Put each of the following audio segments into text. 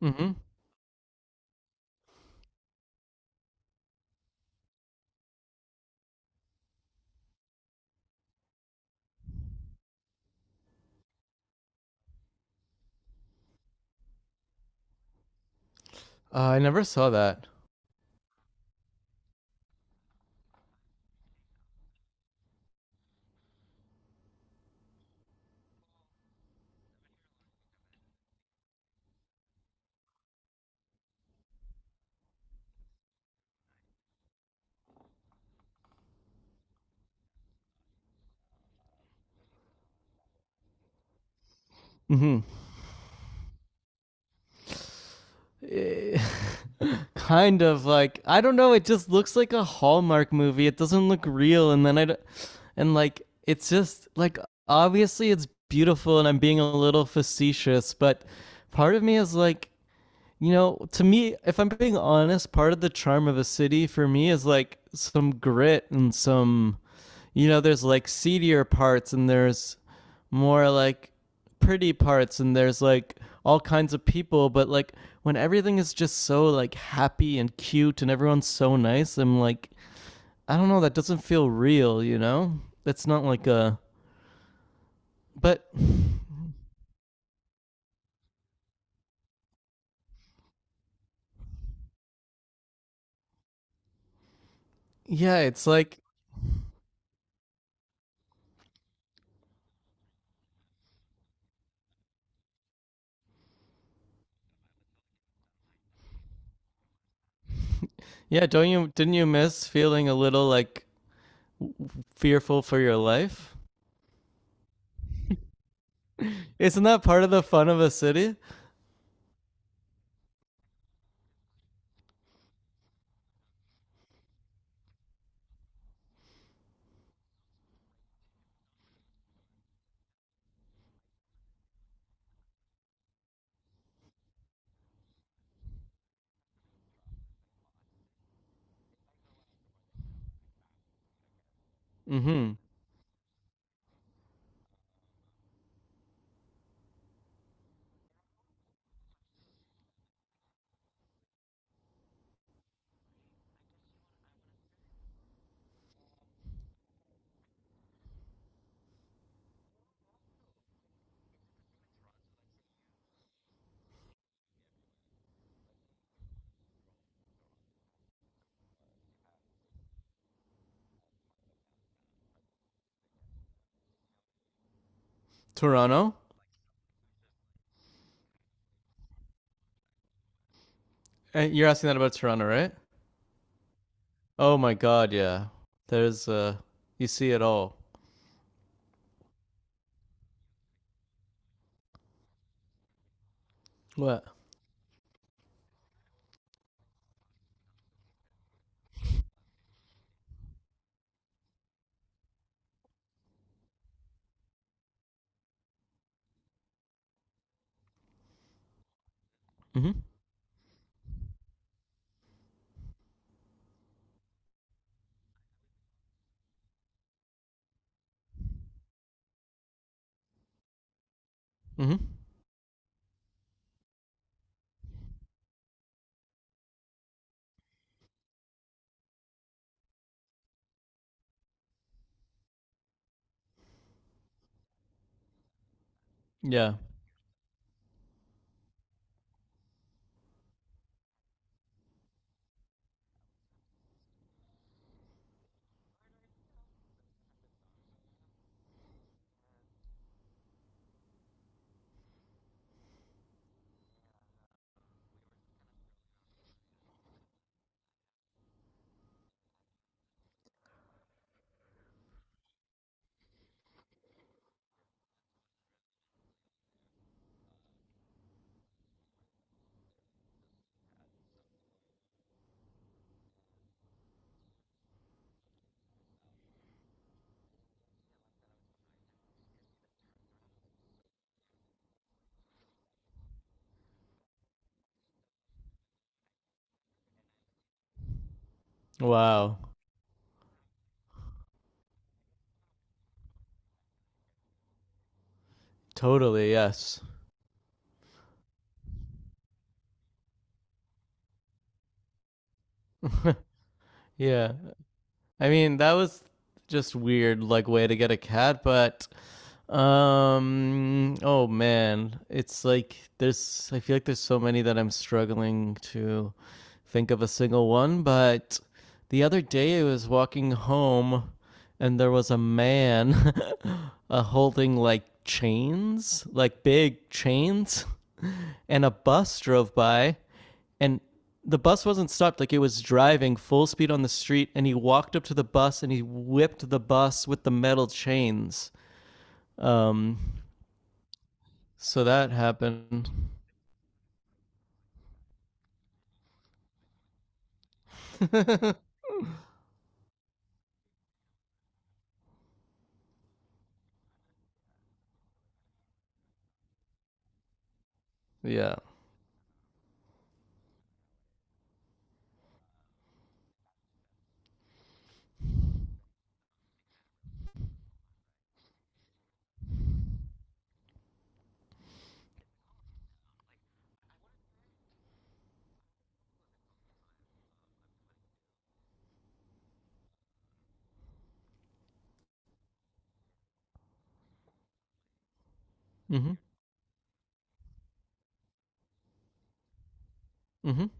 hmm I never saw that. Hmm. Eh, kind of I don't know. It just looks like a Hallmark movie. It doesn't look real, and and like it's just like obviously it's beautiful, and I'm being a little facetious, but part of me is like, you know, to me, if I'm being honest, part of the charm of a city for me is like some grit and some, there's like seedier parts and there's more like pretty parts and there's like all kinds of people. But like when everything is just so like happy and cute and everyone's so nice, I'm like, I don't know, that doesn't feel real, That's not like a, but yeah, it's like, yeah, don't didn't you miss feeling a little like fearful for your life? Isn't that part of the fun of a city? Mm-hmm. Toronto? You're asking that about Toronto, right? Oh my God, yeah. There's you see it all. What? Mm-hmm. Mm-hmm. Yeah. Wow. Totally. Yes. Yeah, I mean, that was just weird, like way to get a cat, but oh man. It's like there's I feel like there's so many that I'm struggling to think of a single one, but the other day I was walking home and there was a man holding like chains, like big chains, and a bus drove by and the bus wasn't stopped, like it was driving full speed on the street, and he walked up to the bus and he whipped the bus with the metal chains. um so that happened. Yeah. mm mhm Mm-hmm.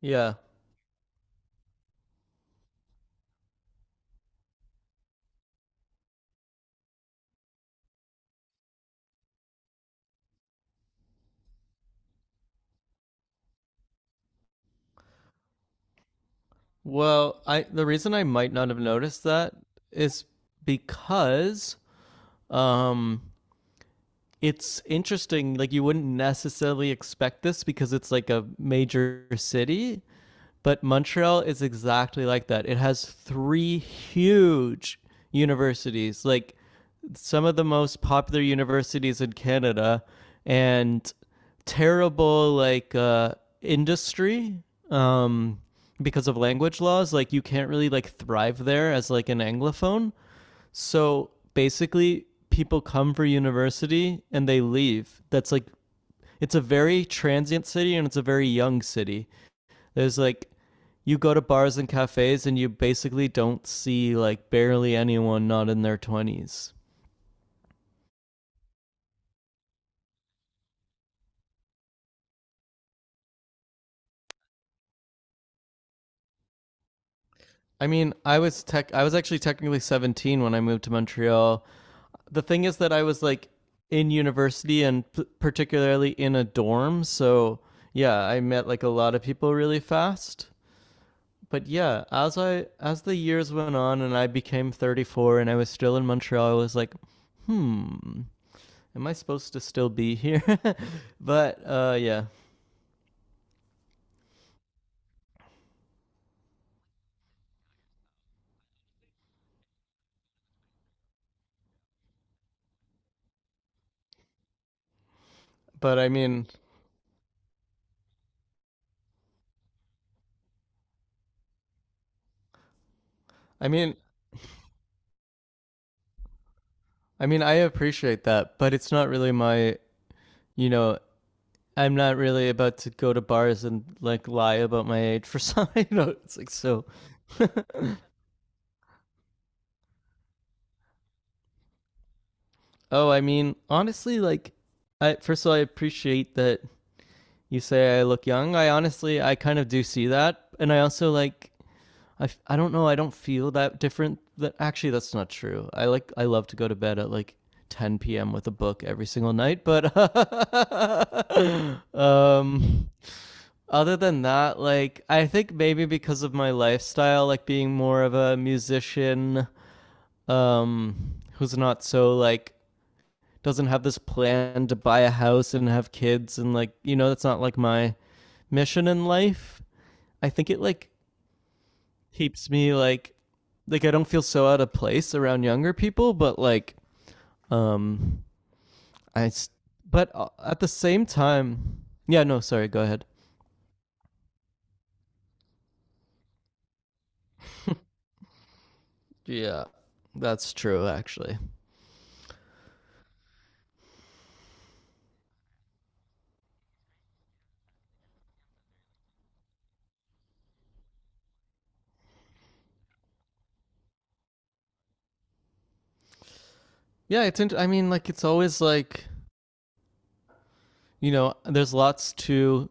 Yeah, well, I the reason I might not have noticed that is because, um it's interesting, like you wouldn't necessarily expect this because it's like a major city. But Montreal is exactly like that. It has three huge universities, like some of the most popular universities in Canada, and terrible like industry, um, because of language laws. Like you can't really like thrive there as like an anglophone. So basically, people come for university and they leave. That's like it's a very transient city and it's a very young city. There's like you go to bars and cafes and you basically don't see, like, barely anyone not in their 20s. I mean, I was actually technically 17 when I moved to Montreal. The thing is that I was like in university and particularly in a dorm, so yeah, I met like a lot of people really fast. But yeah, as the years went on and I became 34 and I was still in Montreal, I was like, "Hmm, am I supposed to still be here?" But yeah. But I mean I mean I mean, I appreciate that, but it's not really my, you know, I'm not really about to go to bars and like lie about my age for, some, you know, it's like so. Oh, I mean, honestly, like, I first of all, I appreciate that you say I look young. I kind of do see that. And I also like, I don't know. I don't feel that different. That actually, that's not true. I love to go to bed at like 10 p.m. with a book every single night. But um, other than that, like, I think maybe because of my lifestyle, like being more of a musician, who's not so like, doesn't have this plan to buy a house and have kids and, like, you know, that's not like my mission in life. I think it like keeps me like, I don't feel so out of place around younger people, but like, um I, but at the same time, yeah, no, sorry, go ahead. Yeah. That's true, actually. Yeah, I mean, like, it's always like, you know, there's lots to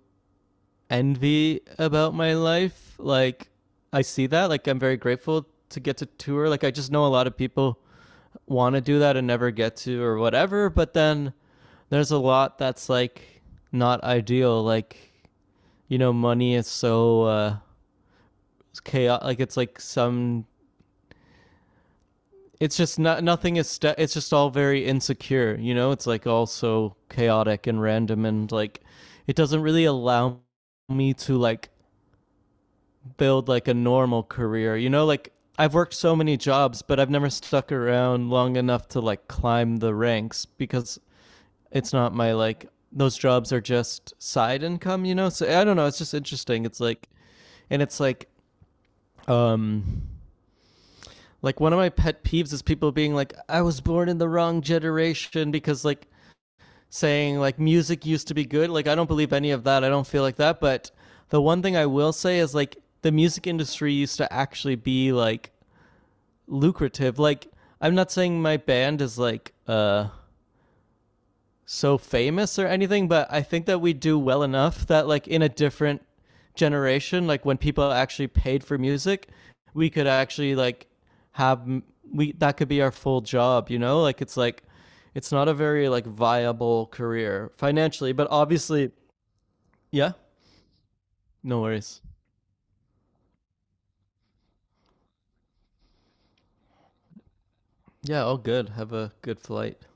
envy about my life. Like, I see that. Like, I'm very grateful to get to tour. Like, I just know a lot of people want to do that and never get to or whatever, but then there's a lot that's like not ideal. Like, you know, money is so chaotic. Like it's like some. It's just not nothing is. It's just all very insecure. You know, it's like all so chaotic and random, and like it doesn't really allow me to like build like a normal career. You know, like I've worked so many jobs, but I've never stuck around long enough to like climb the ranks because it's not my like, those jobs are just side income, you know? So I don't know, it's just interesting. It's like, and it's like um like one of my pet peeves is people being like, I was born in the wrong generation, because like saying like music used to be good. Like, I don't believe any of that. I don't feel like that, but the one thing I will say is like the music industry used to actually be like lucrative. Like I'm not saying my band is like so famous or anything, but I think that we do well enough that like in a different generation, like when people actually paid for music, we could actually like have, we that could be our full job, you know? Like, it's like it's not a very like viable career financially, but obviously, yeah. No worries. Yeah, all good. Have a good flight.